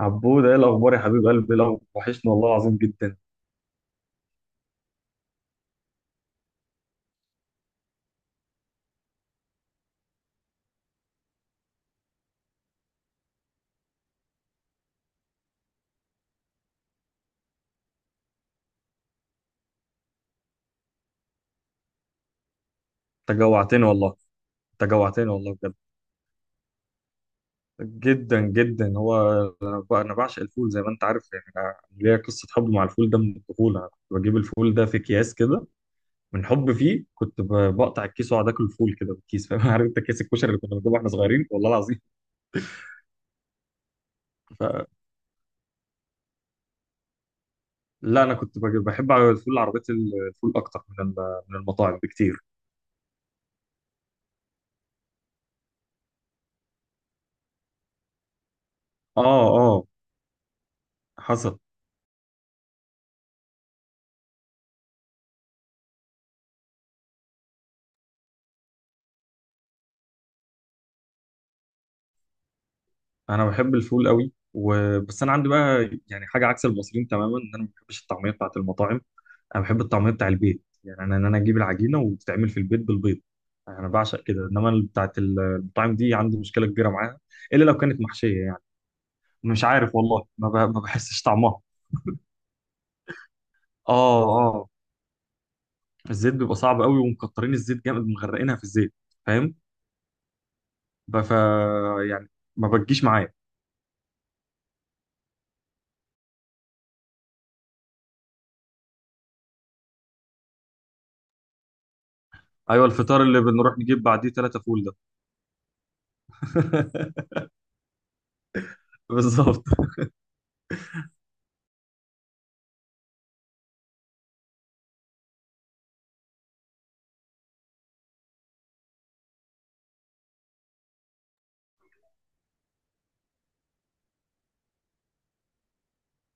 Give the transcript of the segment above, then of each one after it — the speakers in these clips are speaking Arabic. عبود، ايه الاخبار يا حبيب قلبي؟ لو وحشني والله العظيم جدا. انت جوعتني والله. انت جوعتني والله بجد. جدا جدا هو بقى. انا بعشق الفول زي ما انت عارف، يعني انا ليا قصه حب مع الفول ده من الطفوله. أنا كنت بجيب الفول ده في اكياس كده، من حب فيه كنت بقطع الكيس واقعد اكل الفول كده بالكيس، فاهم؟ عارف انت كيس الكشري اللي كنا بنجيبه واحنا صغيرين، والله العظيم. فلا، انا كنت بجيب بحب الفول. عربيه الفول اكتر من من المطاعم بكتير. اه اه. حصل. انا بحب الفول قوي وبس. انا عندي بقى يعني حاجه عكس المصريين تماما، ان انا ما بحبش الطعميه بتاعه المطاعم. انا بحب الطعميه بتاع البيت، يعني ان انا اجيب العجينه وتتعمل في البيت بالبيض. انا بعشق كده، انما بتاعه المطاعم دي عندي مشكله كبيره معاها، الا لو كانت محشيه يعني. مش عارف والله، ما بحسش طعمها. اه اه. الزيت بيبقى صعب قوي، ومكترين الزيت جامد، مغرقينها في الزيت، فاهم؟ ب- ف يعني ما بتجيش معايا. ايوه، الفطار اللي بنروح نجيب بعديه ثلاثه فول ده. بالظبط.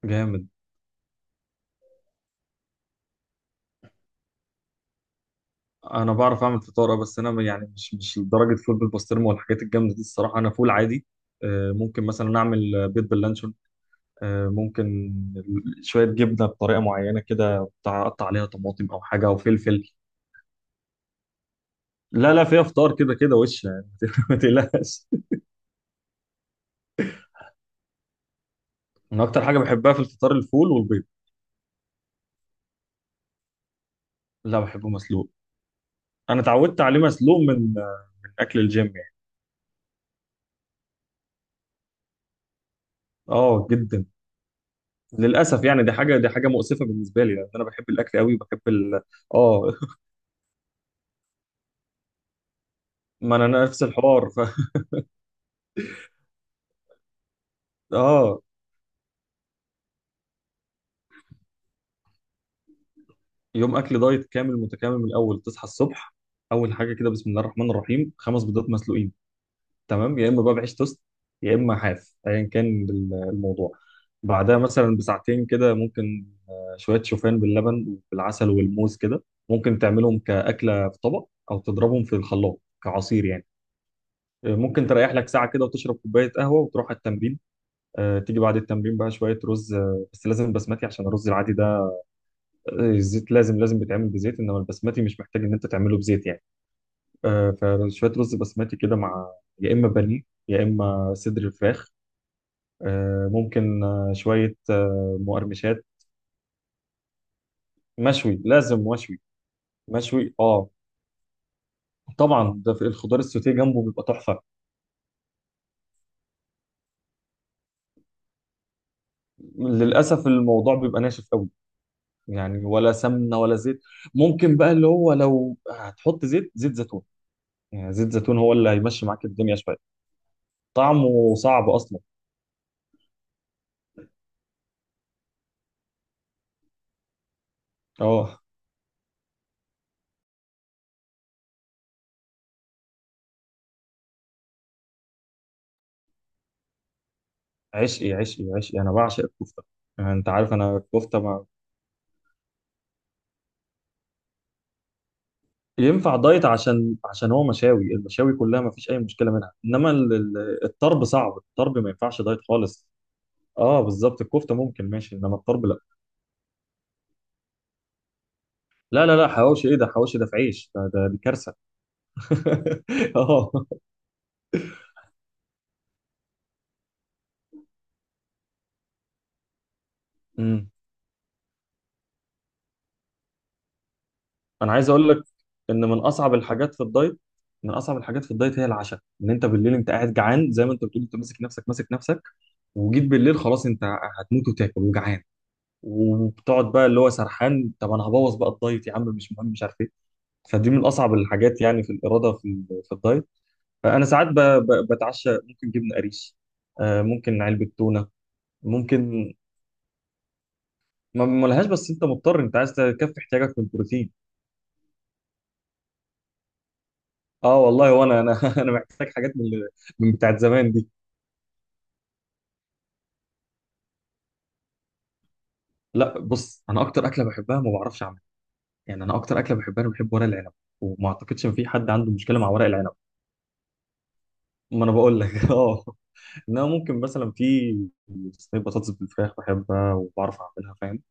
جامد. انا بعرف اعمل فطاره، بس انا يعني مش لدرجه فول بالبسطرمه والحاجات الجامده دي، الصراحه انا فول عادي. ممكن مثلا اعمل بيض باللانشون. ممكن شويه جبنه بطريقه معينه كده، أقطع عليها طماطم او حاجه او فلفل. لا لا، فيها فطار كده كده وش يعني. ما تقلقش. انا اكتر حاجه بحبها في الفطار الفول والبيض. لا، بحبه مسلوق. انا اتعودت عليه مسلوق من اكل الجيم يعني. اه، جدا. للاسف، يعني دي حاجه مؤسفه بالنسبه لي، لان انا بحب الاكل قوي، بحب اه، ما انا نفس الحوار اه. يوم اكل دايت كامل متكامل من الاول: تصحى الصبح، اول حاجه كده بسم الله الرحمن الرحيم، 5 بيضات مسلوقين. تمام، يا اما بقى بعيش توست، يا اما حاف، ايا كان الموضوع. بعدها مثلا بساعتين كده، ممكن شويه شوفان باللبن بالعسل والموز كده. ممكن تعملهم كاكله في طبق او تضربهم في الخلاط كعصير يعني. ممكن تريح لك ساعه كده وتشرب كوبايه قهوه وتروح على التمرين. تيجي بعد التمرين بقى شويه رز، بس لازم بسمتي، عشان الرز العادي ده الزيت لازم، لازم بيتعمل بزيت، انما البسمتي مش محتاج ان انت تعمله بزيت يعني. فشويه رز بسمتي كده مع، يا اما بانيه، يا اما صدر الفراخ. ممكن شويه مقرمشات. مشوي، لازم مشوي. مشوي، اه. طبعا، ده في الخضار السوتيه جنبه بيبقى تحفه. للاسف الموضوع بيبقى ناشف قوي. يعني ولا سمنه ولا زيت. ممكن بقى اللي هو، لو هتحط زيت زيتون، يعني زيت زيتون هو اللي هيمشي معاك الدنيا شويه. طعمه صعب اصلا. اه. عشقي عشقي عشقي، انا بعشق الكفته. يعني انت عارف انا الكفته ما. ينفع دايت، عشان هو المشاوي كلها ما فيش اي مشكله منها، انما الطرب صعب. الطرب ما ينفعش دايت خالص. اه بالظبط، الكفته ممكن ماشي انما الطرب لا. لا لا لا، حواوشي ايه ده؟ حواوشي ده في عيش ده ده دي كارثه. اه. امم. انا عايز اقول لك ان من اصعب الحاجات في الدايت هي العشاء. ان انت بالليل انت قاعد جعان زي ما انت بتقول، انت ماسك نفسك ماسك نفسك، وجيت بالليل خلاص، انت هتموت وتاكل وجعان، وبتقعد بقى اللي هو سرحان، طب انا هبوظ بقى الدايت يا عم، مش مهم، مش عارف ايه. فدي من اصعب الحاجات يعني في الاراده، في في الدايت. فانا ساعات بتعشى ممكن جبنه قريش، ممكن علبه تونه. ممكن ما لهاش، بس انت مضطر، انت عايز تكفي احتياجك من البروتين. اه والله، وانا انا محتاج حاجات من من بتاعت زمان دي. لا بص، انا اكتر اكله بحبها ما بعرفش اعملها. يعني انا اكتر اكله بحبها، انا بحب ورق العنب، وما اعتقدش ان في حد عنده مشكله مع ورق العنب. ما انا بقول لك. اه. انما ممكن مثلا في صينيه بطاطس بالفراخ بحبها وبعرف اعملها، فاهم؟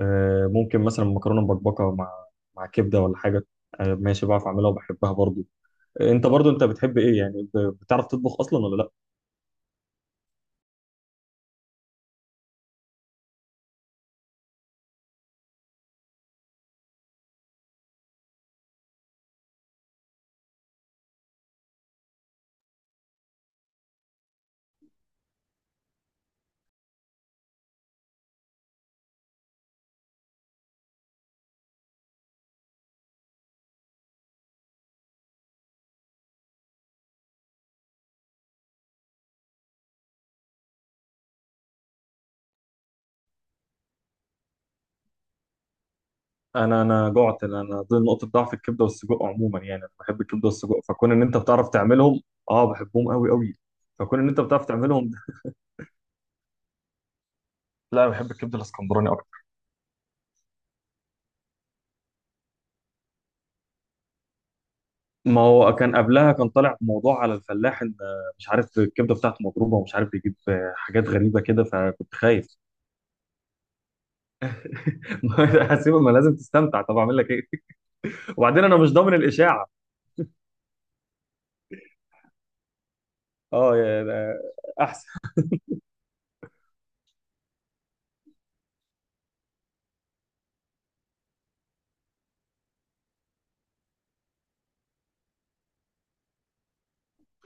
آه ممكن مثلا مكرونه مبكبكه مع كبده ولا حاجه، آه ماشي بعرف اعملها وبحبها برضو. آه، انت برضو بتحب ايه يعني؟ بتعرف تطبخ اصلا ولا لا؟ انا جعت. أنا دي نقطه ضعف الكبده والسجق عموما يعني. انا بحب الكبده والسجق، فكون ان انت بتعرف تعملهم، اه بحبهم قوي قوي. فكون ان انت بتعرف تعملهم ده. لا، انا بحب الكبده الاسكندراني. ما هو كان قبلها كان طالع موضوع على الفلاح، ان مش عارف الكبده بتاعته مضروبه، ومش عارف بيجيب حاجات غريبه كده، فكنت خايف. هسيبه، ما لازم تستمتع، طب اعمل لك ايه؟ وبعدين انا مش ضامن الاشاعه. اه يعني احسن.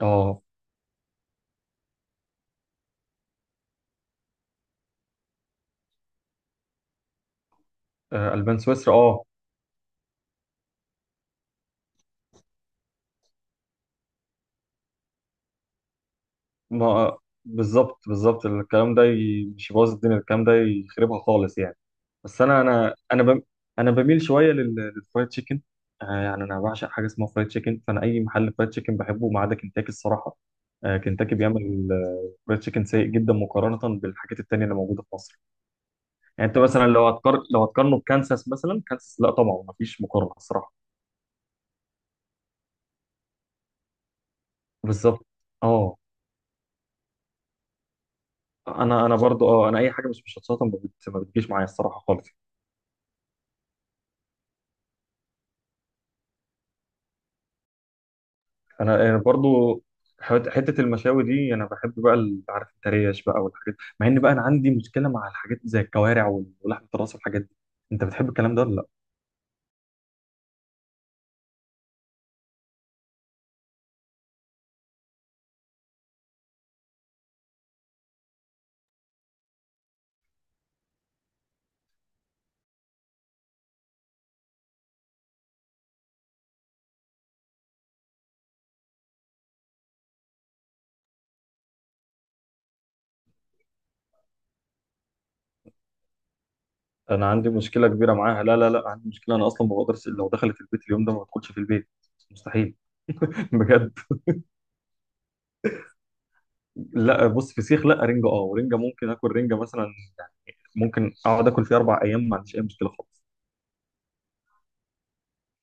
اه، البان سويسرا اه. ما بالظبط بالظبط، الكلام ده مش يبوظ الدنيا، الكلام ده يخربها خالص يعني. بس انا بميل شويه للفرايد تشيكن. آه يعني انا بعشق حاجه اسمها فرايد تشيكن، فانا اي محل فرايد تشيكن بحبه ما عدا كنتاكي الصراحه. آه كنتاكي بيعمل فرايد تشيكن سيء جدا مقارنه بالحاجات التانيه اللي موجوده في مصر. يعني انت مثلا لو هتقارنه بكانساس مثلا، كانساس، لا طبعا ما فيش مقارنه الصراحه. بالظبط اه. انا برضو اه، انا اي حاجه مش مشطشطه ما بتجيش معايا الصراحه خالص. أنا برضو، حته المشاوي دي انا بحب بقى عارف التريش بقى والحاجات، مع ان بقى انا عندي مشكله مع الحاجات زي الكوارع ولحمه الراس والحاجات دي. انت بتحب الكلام ده ولا لا؟ انا عندي مشكله كبيره معاها. لا لا لا، عندي مشكله. انا اصلا ما بقدرش، لو دخلت البيت اليوم ده ما بدخلش في البيت. مستحيل. بجد. لا بص، فسيخ لا، رنجه اه، ورنجه ممكن اكل رنجه مثلا. ممكن اقعد اكل فيها 4 ايام ما عنديش اي مشكله خالص.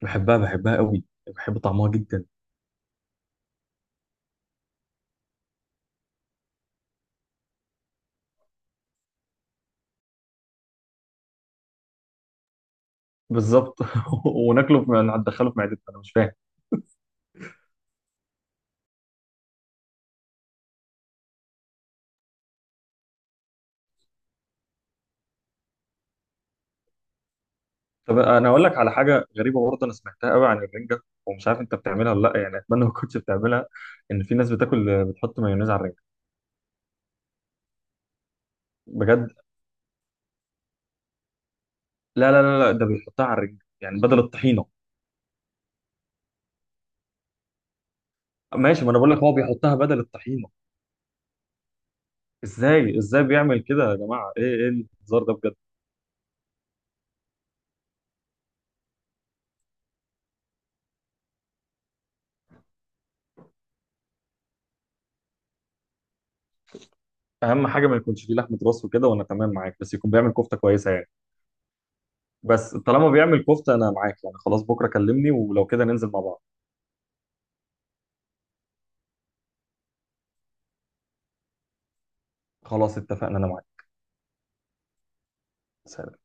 بحبها، بحبها قوي. بحب طعمها جدا. بالظبط. وناكله ندخله في معدتنا، انا مش فاهم. طب انا اقول لك على حاجه غريبه برضه، انا سمعتها قوي عن الرنجه، ومش عارف انت بتعملها ولا لا يعني، اتمنى ما كنتش بتعملها، ان في ناس بتاكل بتحط مايونيز على الرنجه. بجد. لا لا لا لا، ده بيحطها على الرنجه يعني بدل الطحينه. ماشي، ما انا بقول لك هو بيحطها بدل الطحينه. ازاي بيعمل كده يا جماعه؟ ايه ايه الهزار ده بجد؟ اهم حاجه ما يكونش فيه لحمه راس وكده وانا تمام معاك، بس يكون بيعمل كفته كويسه يعني. بس طالما بيعمل كفته انا معاك، يعني خلاص بكره كلمني، ولو كده ننزل مع بعض. خلاص، اتفقنا، انا معاك. سلام.